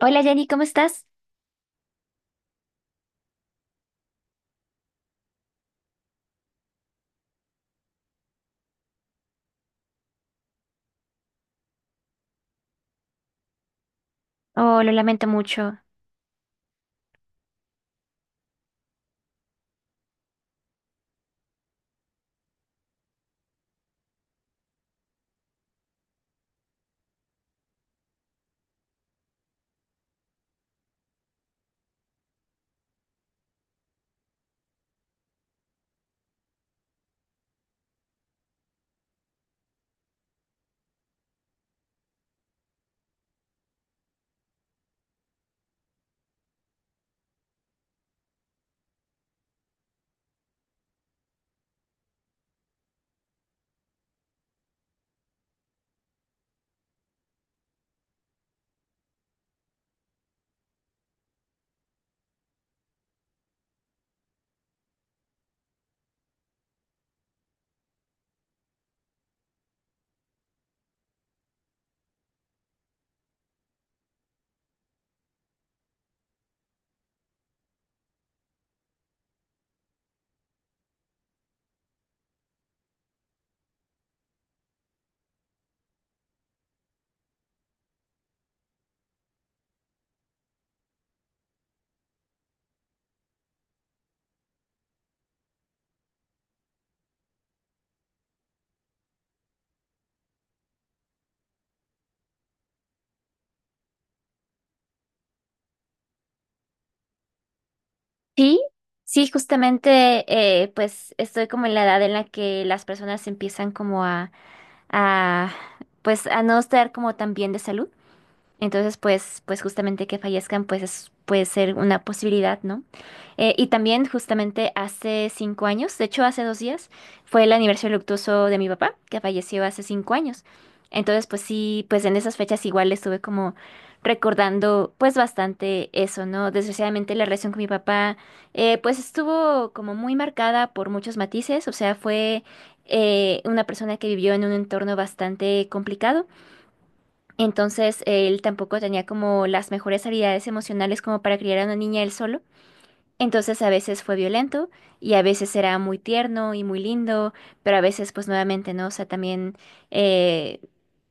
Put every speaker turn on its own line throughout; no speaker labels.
Hola Jenny, ¿cómo estás? Oh, lo lamento mucho. Sí, sí, justamente pues estoy como en la edad en la que las personas empiezan como a pues a no estar como tan bien de salud. Entonces, pues justamente que fallezcan, pues puede ser una posibilidad, ¿no? Y también justamente hace 5 años, de hecho hace 2 días, fue el aniversario luctuoso de mi papá, que falleció hace 5 años. Entonces, pues sí, pues en esas fechas igual estuve como recordando pues bastante eso, ¿no? Desgraciadamente la relación con mi papá, pues estuvo como muy marcada por muchos matices, o sea, fue una persona que vivió en un entorno bastante complicado. Entonces, él tampoco tenía como las mejores habilidades emocionales como para criar a una niña él solo. Entonces, a veces fue violento y a veces era muy tierno y muy lindo, pero a veces, pues nuevamente, ¿no? O sea, también, eh,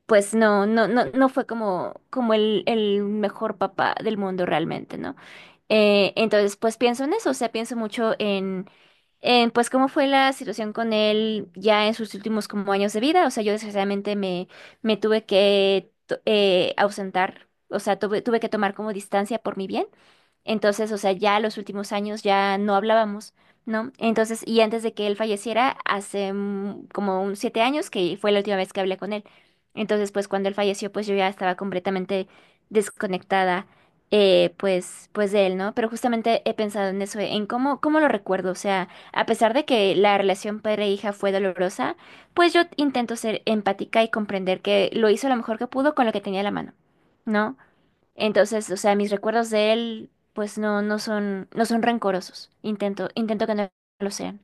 pues no fue como el mejor papá del mundo realmente, ¿no? Entonces, pues pienso en eso, o sea, pienso mucho pues cómo fue la situación con él ya en sus últimos como años de vida. O sea, yo desgraciadamente me tuve que ausentar, o sea, tuve que tomar como distancia por mi bien. Entonces, o sea, ya los últimos años ya no hablábamos, ¿no? Entonces, y antes de que él falleciera, hace como un 7 años que fue la última vez que hablé con él. Entonces, pues cuando él falleció, pues yo ya estaba completamente desconectada, pues, de él, ¿no? Pero justamente he pensado en eso, en cómo lo recuerdo. O sea, a pesar de que la relación padre-hija fue dolorosa, pues yo intento ser empática y comprender que lo hizo lo mejor que pudo con lo que tenía a la mano, ¿no? Entonces, o sea, mis recuerdos de él, pues no son rencorosos. Intento que no lo sean.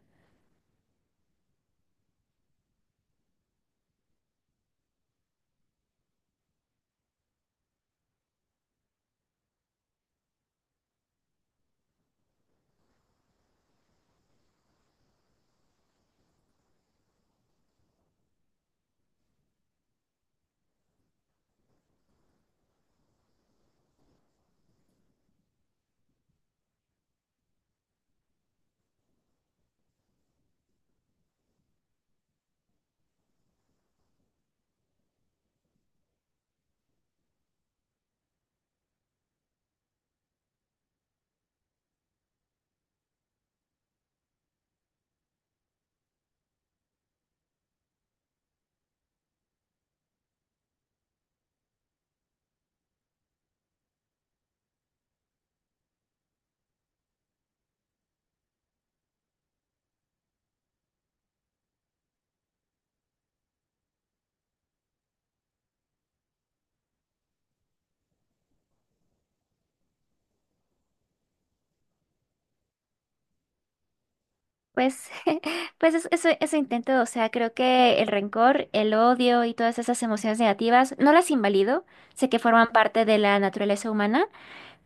Pues, eso intento, o sea, creo que el rencor, el odio y todas esas emociones negativas, no las invalido, sé que forman parte de la naturaleza humana,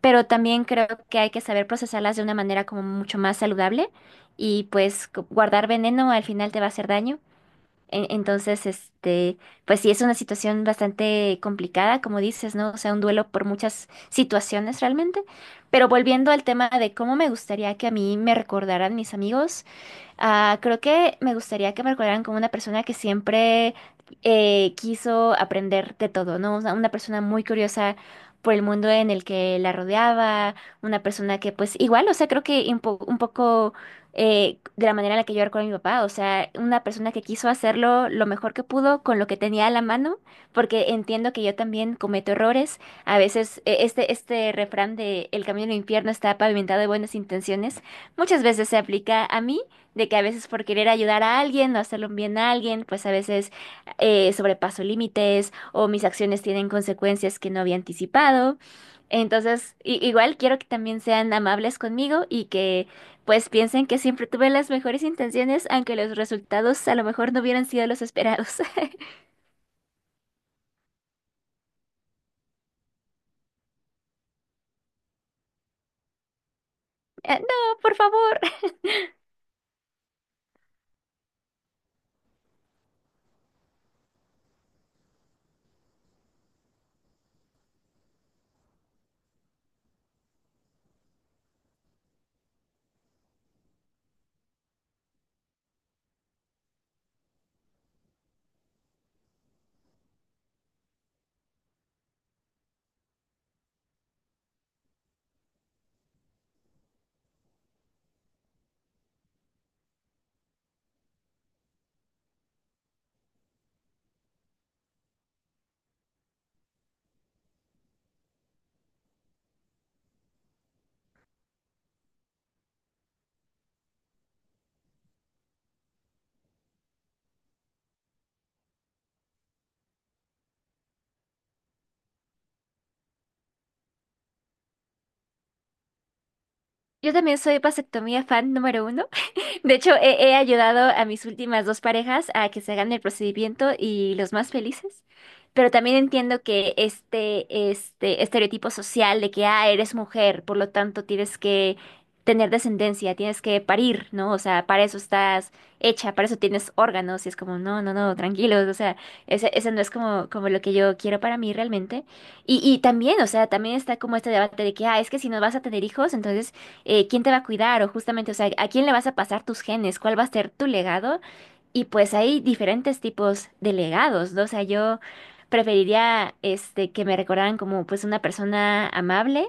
pero también creo que hay que saber procesarlas de una manera como mucho más saludable y pues guardar veneno al final te va a hacer daño. Entonces, pues sí, es una situación bastante complicada, como dices, ¿no? O sea, un duelo por muchas situaciones realmente. Pero volviendo al tema de cómo me gustaría que a mí me recordaran mis amigos. Ah, creo que me gustaría que me recordaran como una persona que siempre quiso aprender de todo, ¿no? O sea, una persona muy curiosa por el mundo en el que la rodeaba, una persona que pues igual, o sea, creo que un poco de la manera en la que yo recuerdo a mi papá, o sea, una persona que quiso hacerlo lo mejor que pudo con lo que tenía a la mano, porque entiendo que yo también cometo errores. A veces este refrán de el camino al infierno está pavimentado de buenas intenciones, muchas veces se aplica a mí de que a veces por querer ayudar a alguien o hacerle un bien a alguien, pues a veces sobrepaso límites o mis acciones tienen consecuencias que no había anticipado. Entonces, igual quiero que también sean amables conmigo y que pues piensen que siempre tuve las mejores intenciones, aunque los resultados a lo mejor no hubieran sido los esperados. Ah, no, por favor. Yo también soy vasectomía fan número uno. De hecho, he ayudado a mis últimas dos parejas a que se hagan el procedimiento y los más felices. Pero también entiendo que este estereotipo social de que, ah, eres mujer, por lo tanto tienes que tener descendencia, tienes que parir, ¿no? O sea, para eso estás hecha, para eso tienes órganos. Y es como, no, no, no, tranquilos. O sea, ese no es como lo que yo quiero para mí realmente. Y también, o sea, también está como este debate de que, ah, es que si no vas a tener hijos, entonces quién te va a cuidar o justamente, o sea, a quién le vas a pasar tus genes, cuál va a ser tu legado. Y pues hay diferentes tipos de legados, ¿no? O sea, yo preferiría que me recordaran como pues una persona amable,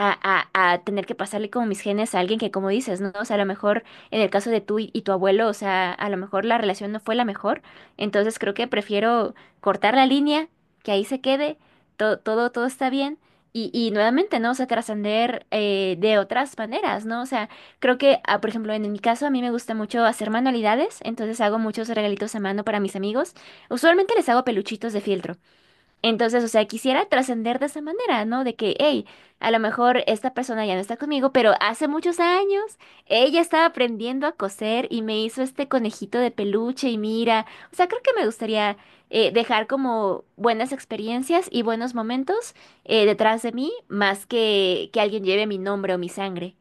a tener que pasarle como mis genes a alguien que, como dices, ¿no? O sea, a lo mejor en el caso de tú y tu abuelo, o sea, a lo mejor la relación no fue la mejor. Entonces creo que prefiero cortar la línea, que ahí se quede, todo, todo, todo está bien. Y nuevamente, ¿no? O sea, trascender de otras maneras, ¿no? O sea, creo que, ah, por ejemplo, en mi caso, a mí me gusta mucho hacer manualidades, entonces hago muchos regalitos a mano para mis amigos. Usualmente les hago peluchitos de fieltro. Entonces, o sea, quisiera trascender de esa manera, ¿no? De que, hey, a lo mejor esta persona ya no está conmigo, pero hace muchos años ella estaba aprendiendo a coser y me hizo este conejito de peluche y mira, o sea, creo que me gustaría dejar como buenas experiencias y buenos momentos detrás de mí, más que alguien lleve mi nombre o mi sangre.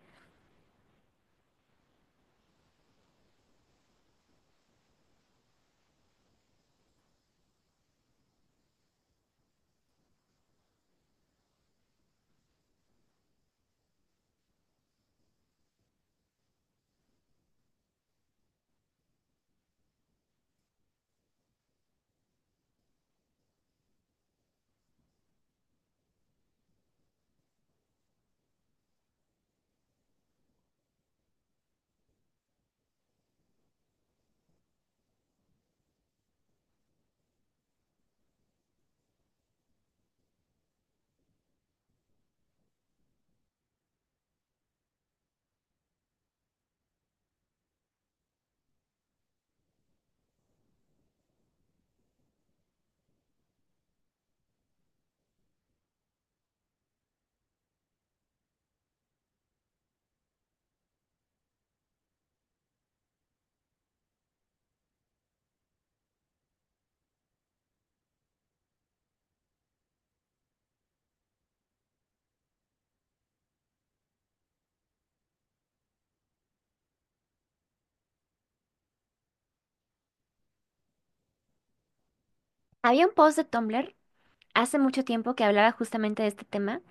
Había un post de Tumblr hace mucho tiempo que hablaba justamente de este tema.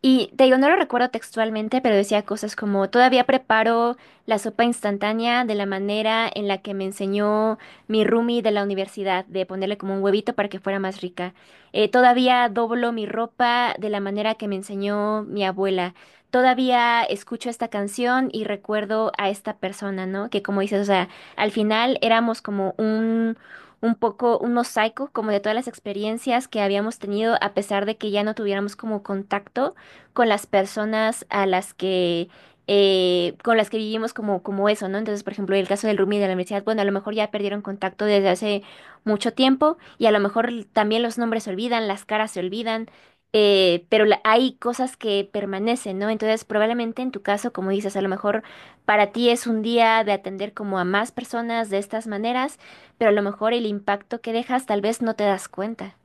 Y te digo, no lo recuerdo textualmente, pero decía cosas como, todavía preparo la sopa instantánea de la manera en la que me enseñó mi roomie de la universidad, de ponerle como un huevito para que fuera más rica. Todavía doblo mi ropa de la manera que me enseñó mi abuela. Todavía escucho esta canción y recuerdo a esta persona, ¿no? Que como dices, o sea, al final éramos como un poco un mosaico como de todas las experiencias que habíamos tenido a pesar de que ya no tuviéramos como contacto con las personas a las que con las que vivimos como eso, ¿no? Entonces, por ejemplo, el caso del Rumi de la universidad, bueno, a lo mejor ya perdieron contacto desde hace mucho tiempo y a lo mejor también los nombres se olvidan, las caras se olvidan, pero hay cosas que permanecen, ¿no? Entonces, probablemente en tu caso, como dices, a lo mejor para ti es un día de atender como a más personas de estas maneras, pero a lo mejor el impacto que dejas tal vez no te das cuenta.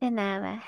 De nada.